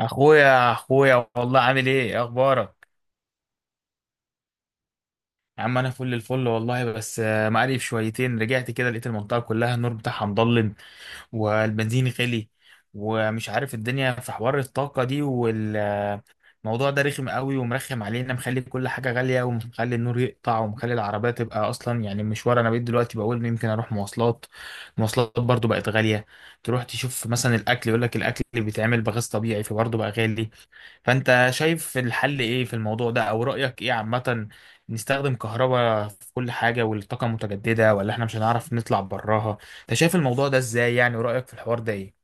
اخويا، والله عامل ايه؟ اخبارك؟ يا عم انا فل الفل والله. بس مقرف شويتين. رجعت كده لقيت المنطقه كلها النور بتاعها مضلم، والبنزين غلي، ومش عارف الدنيا في حوار الطاقه دي والموضوع ده رخم قوي ومرخم علينا، مخلي كل حاجه غاليه، ومخلي النور يقطع، ومخلي العربيه تبقى اصلا يعني مشوار. انا بقيت دلوقتي بقول يمكن اروح مواصلات. المواصلات برضو بقت غاليه. تروح تشوف مثلا الاكل، يقول لك الاكل اللي بيتعمل بغاز طبيعي فبرضه بقى غالي. فانت شايف الحل ايه في الموضوع ده، او رأيك ايه عامة؟ نستخدم كهرباء في كل حاجة والطاقة المتجددة، ولا احنا مش هنعرف نطلع براها؟ انت شايف الموضوع ده ازاي يعني، ورأيك في الحوار ده ايه؟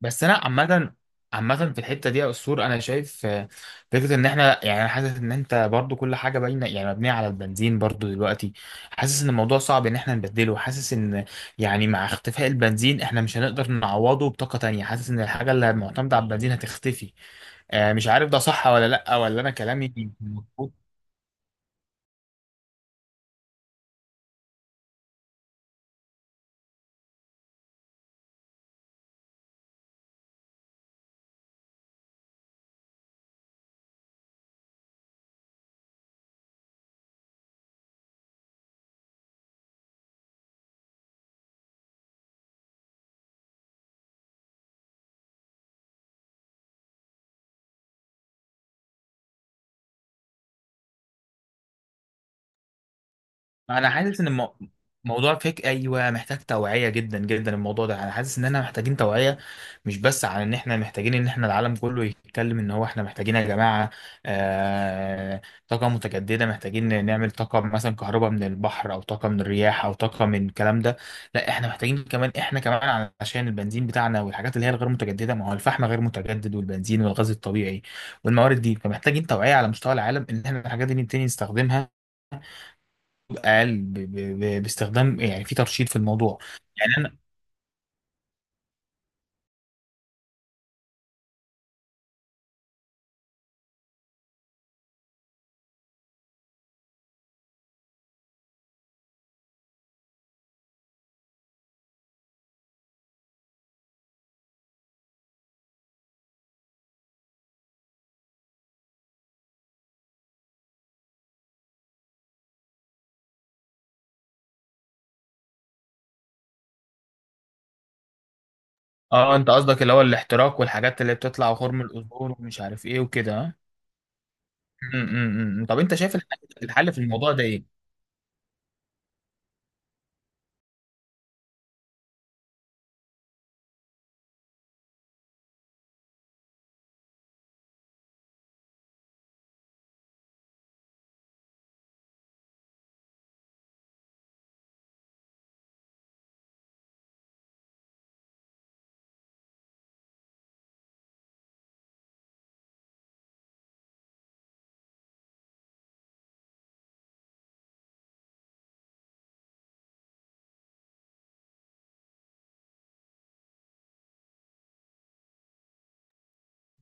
بس انا عامة، في الحتة دي يا أسطور، أنا شايف، فكرة إن إحنا، يعني أنا حاسس إن أنت برضو كل حاجة باينة يعني مبنية على البنزين برضو دلوقتي. حاسس إن الموضوع صعب، إن إحنا نبدله. حاسس إن، يعني مع اختفاء البنزين إحنا مش هنقدر نعوضه بطاقة تانية. حاسس إن الحاجة اللي معتمدة على البنزين هتختفي. مش عارف ده صح ولا لأ، ولا أنا كلامي مظبوط. انا حاسس ان موضوع فيك، ايوه محتاج توعيه جدا جدا الموضوع ده. انا حاسس ان احنا محتاجين توعيه، مش بس على ان احنا محتاجين ان احنا العالم كله يتكلم ان هو احنا محتاجين يا جماعه، آه طاقه متجدده. محتاجين نعمل طاقه مثلا كهرباء من البحر، او طاقه من الرياح، او طاقه من الكلام ده. لا، احنا محتاجين كمان، احنا كمان عشان البنزين بتاعنا والحاجات اللي هي الغير متجدده. ما هو الفحم غير متجدد، والبنزين والغاز الطبيعي، والموارد دي. فمحتاجين توعيه على مستوى العالم، ان احنا الحاجات دي نبتدي نستخدمها اقل باستخدام، يعني في ترشيد في الموضوع. يعني انا اه، انت قصدك اللي هو الاحتراق والحاجات اللي بتطلع وخرم الاوزون ومش عارف ايه وكده، ها؟ م- م- م. طب انت شايف الحل في الموضوع ده ايه؟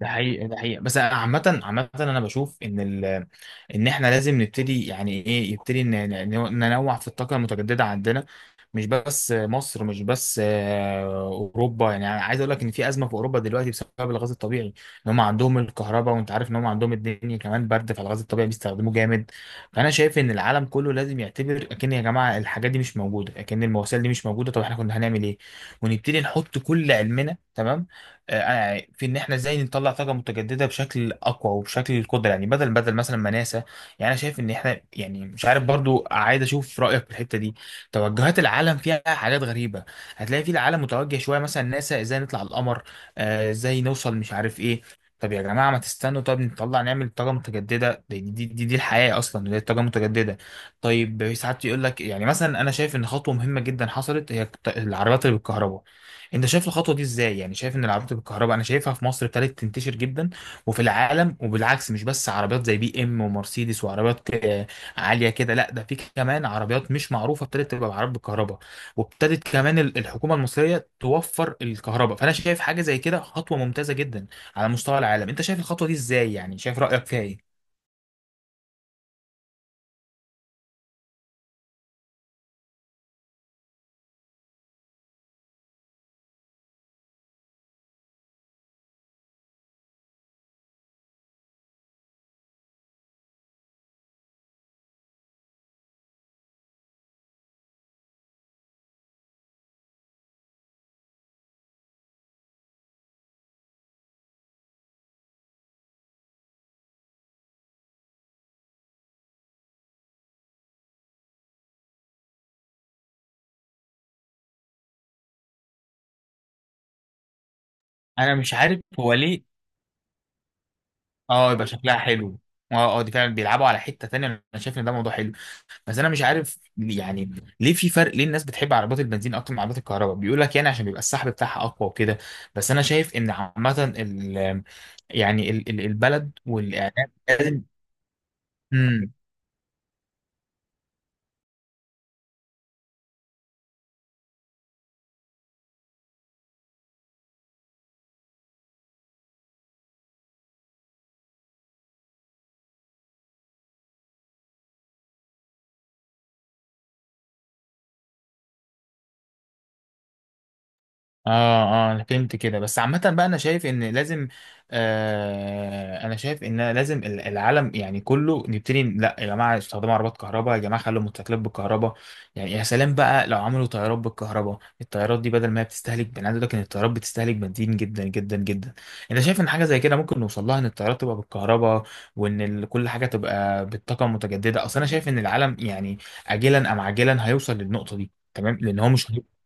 ده حقيقة، ده حقيقة. بس عامة أنا بشوف إن إن إحنا لازم نبتدي يعني إيه، يبتدي ننوع في الطاقة المتجددة عندنا، مش بس مصر، مش بس أوروبا. يعني عايز أقول لك إن في أزمة في أوروبا دلوقتي بسبب الغاز الطبيعي، إن هم عندهم الكهرباء وأنت عارف إن هم عندهم الدنيا كمان برد، فالغاز الطبيعي بيستخدموه جامد. فأنا شايف إن العالم كله لازم يعتبر أكن يا جماعة الحاجات دي مش موجودة، أكن المواسير دي مش موجودة، طب إحنا كنا هنعمل إيه؟ ونبتدي نحط كل علمنا، تمام، في ان احنا ازاي نطلع طاقه متجدده بشكل اقوى وبشكل القدره، يعني بدل مثلا ما ناسا. يعني انا شايف ان احنا، يعني مش عارف برضو، عايز اشوف رايك في الحته دي. توجهات العالم فيها حاجات غريبه. هتلاقي في العالم متوجه شويه، مثلا ناسا ازاي نطلع القمر، ازاي نوصل مش عارف ايه. طب يا جماعه ما تستنوا، طب نطلع نعمل طاقه متجدده. دي الحياه اصلا، دي الطاقه المتجدده. طيب ساعات يقول لك يعني، مثلا انا شايف ان خطوه مهمه جدا حصلت، هي العربيات اللي بالكهرباء. انت شايف الخطوه دي ازاي، يعني شايف ان العربيات بالكهرباء؟ انا شايفها في مصر ابتدت تنتشر جدا وفي العالم وبالعكس. مش بس عربيات زي بي ام ومرسيدس وعربيات عاليه كده، لا ده في كمان عربيات مش معروفه ابتدت تبقى بعربيات بالكهرباء. وابتدت كمان الحكومه المصريه توفر الكهرباء، فانا شايف حاجه زي كده خطوه ممتازه جدا على مستوى العالم. انت شايف الخطوه دي ازاي، يعني شايف رايك فيها ايه؟ انا مش عارف هو ليه. اه يبقى شكلها حلو. اه، اه، دي فعلا بيلعبوا على حته تانيه، انا شايف ان ده موضوع حلو. بس انا مش عارف يعني ليه في فرق، ليه الناس بتحب عربيات البنزين اكتر من عربيات الكهرباء؟ بيقول لك يعني عشان بيبقى السحب بتاعها اقوى وكده. بس انا شايف ان عامه، ال يعني ال ال- البلد والاعلام لازم. مم. اه، اه، انا فهمت كده. بس عامة بقى انا شايف ان لازم، انا شايف ان لازم العالم يعني كله نبتدي. لا يا جماعة استخدموا عربات كهرباء، يا جماعة خلوا الموتوسيكلات بالكهرباء. يعني يا سلام بقى لو عملوا طيارات بالكهرباء. الطيارات دي بدل ما هي بتستهلك بنزين، عايز أقول لك ان الطيارات بتستهلك بنزين جدا جدا جدا. انت شايف ان حاجة زي كده ممكن نوصل لها، ان الطيارات تبقى بالكهرباء، وان كل حاجة تبقى بالطاقة المتجددة؟ اصل انا شايف ان العالم، يعني اجلا ام عاجلا هيوصل للنقطة دي، تمام، لان هو مش هيبقى-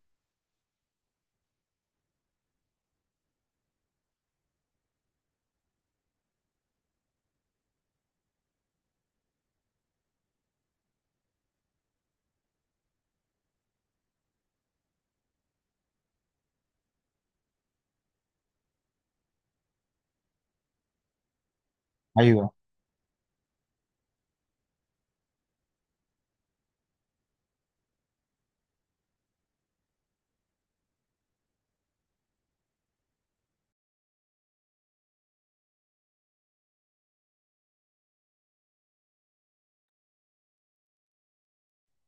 ايوه.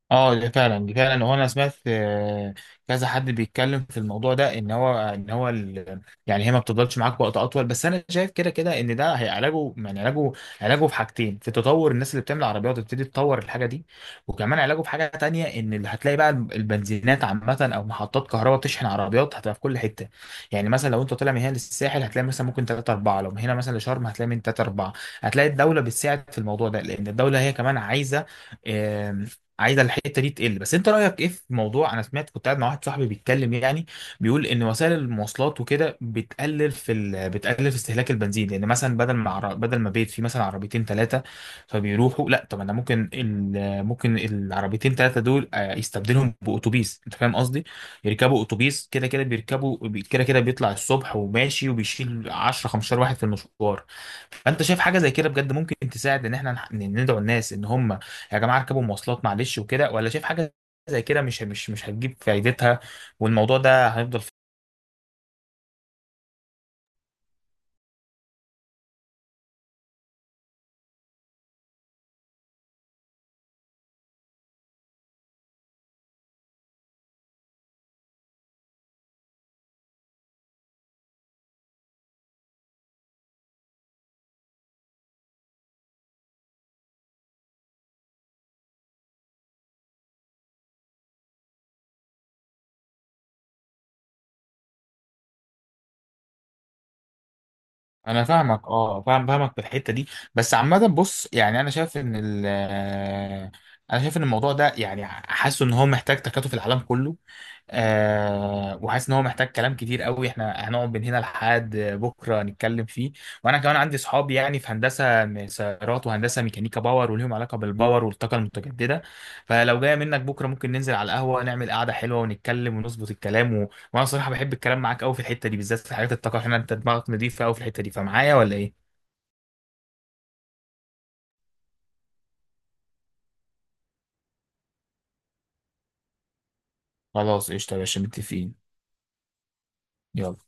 اه، دي فعلا، هو انا سمعت، كذا حد بيتكلم في الموضوع ده، ان هو يعني هي ما بتفضلش معاك وقت اطول. بس انا شايف كده كده ان ده هي علاجه، يعني علاجه. علاجه في حاجتين، في تطور الناس اللي بتعمل عربيات تبتدي تطور الحاجه دي. وكمان علاجه في حاجه تانية، ان اللي هتلاقي بقى البنزينات عامه او محطات كهرباء بتشحن عربيات هتبقى في كل حته. يعني مثلا لو انت طالع من هنا للساحل هتلاقي مثلا ممكن 3 4، لو من هنا مثلا لشرم هتلاقي من 3 4. هتلاقي الدوله بتساعد في الموضوع ده، لان الدوله هي كمان عايزه، الحته دي تقل. بس انت رايك ايه في موضوع انا سمعت، كنت قاعد مع واحد صاحبي بيتكلم يعني بيقول ان وسائل المواصلات وكده بتقلل في بتقلل في استهلاك البنزين. لان مثلا بدل ما بيت فيه مثلا عربيتين ثلاثه فبيروحوا، لا طب انا ممكن ممكن العربيتين ثلاثه دول يستبدلهم باتوبيس. انت فاهم قصدي؟ يركبوا اتوبيس، كده كده بيركبوا، كده كده بيطلع الصبح وماشي، وبيشيل 10 15 واحد في المشوار. فانت شايف حاجه زي كده بجد ممكن تساعد، ان احنا ندعو الناس ان هم يا جماعه اركبوا مواصلات، معلش وكده؟ ولا شايف حاجه زي كده مش هتجيب فايدتها والموضوع ده هيفضل انا فاهمك، اه فاهم، في الحته دي. بس عامه بص، يعني انا شايف ان ال آه، انا شايف ان الموضوع ده، يعني حاسه ان هو محتاج تكاتف العالم كله. وحاسس ان هو محتاج كلام كتير قوي، احنا هنقعد من هنا لحد بكره نتكلم فيه. وانا كمان عندي صحاب يعني في هندسه سيارات وهندسه ميكانيكا باور، وليهم علاقه بالباور والطاقه المتجدده. فلو جايه منك بكره ممكن ننزل على القهوه نعمل قعده حلوه ونتكلم ونظبط الكلام، وانا صراحه بحب الكلام معاك قوي في الحته دي بالذات في حاجات الطاقه، عشان انت دماغك نضيفه قوي في الحته دي، فمعايا ولا ايه؟ خلاص قشطه يا باشا، متفقين. يلا.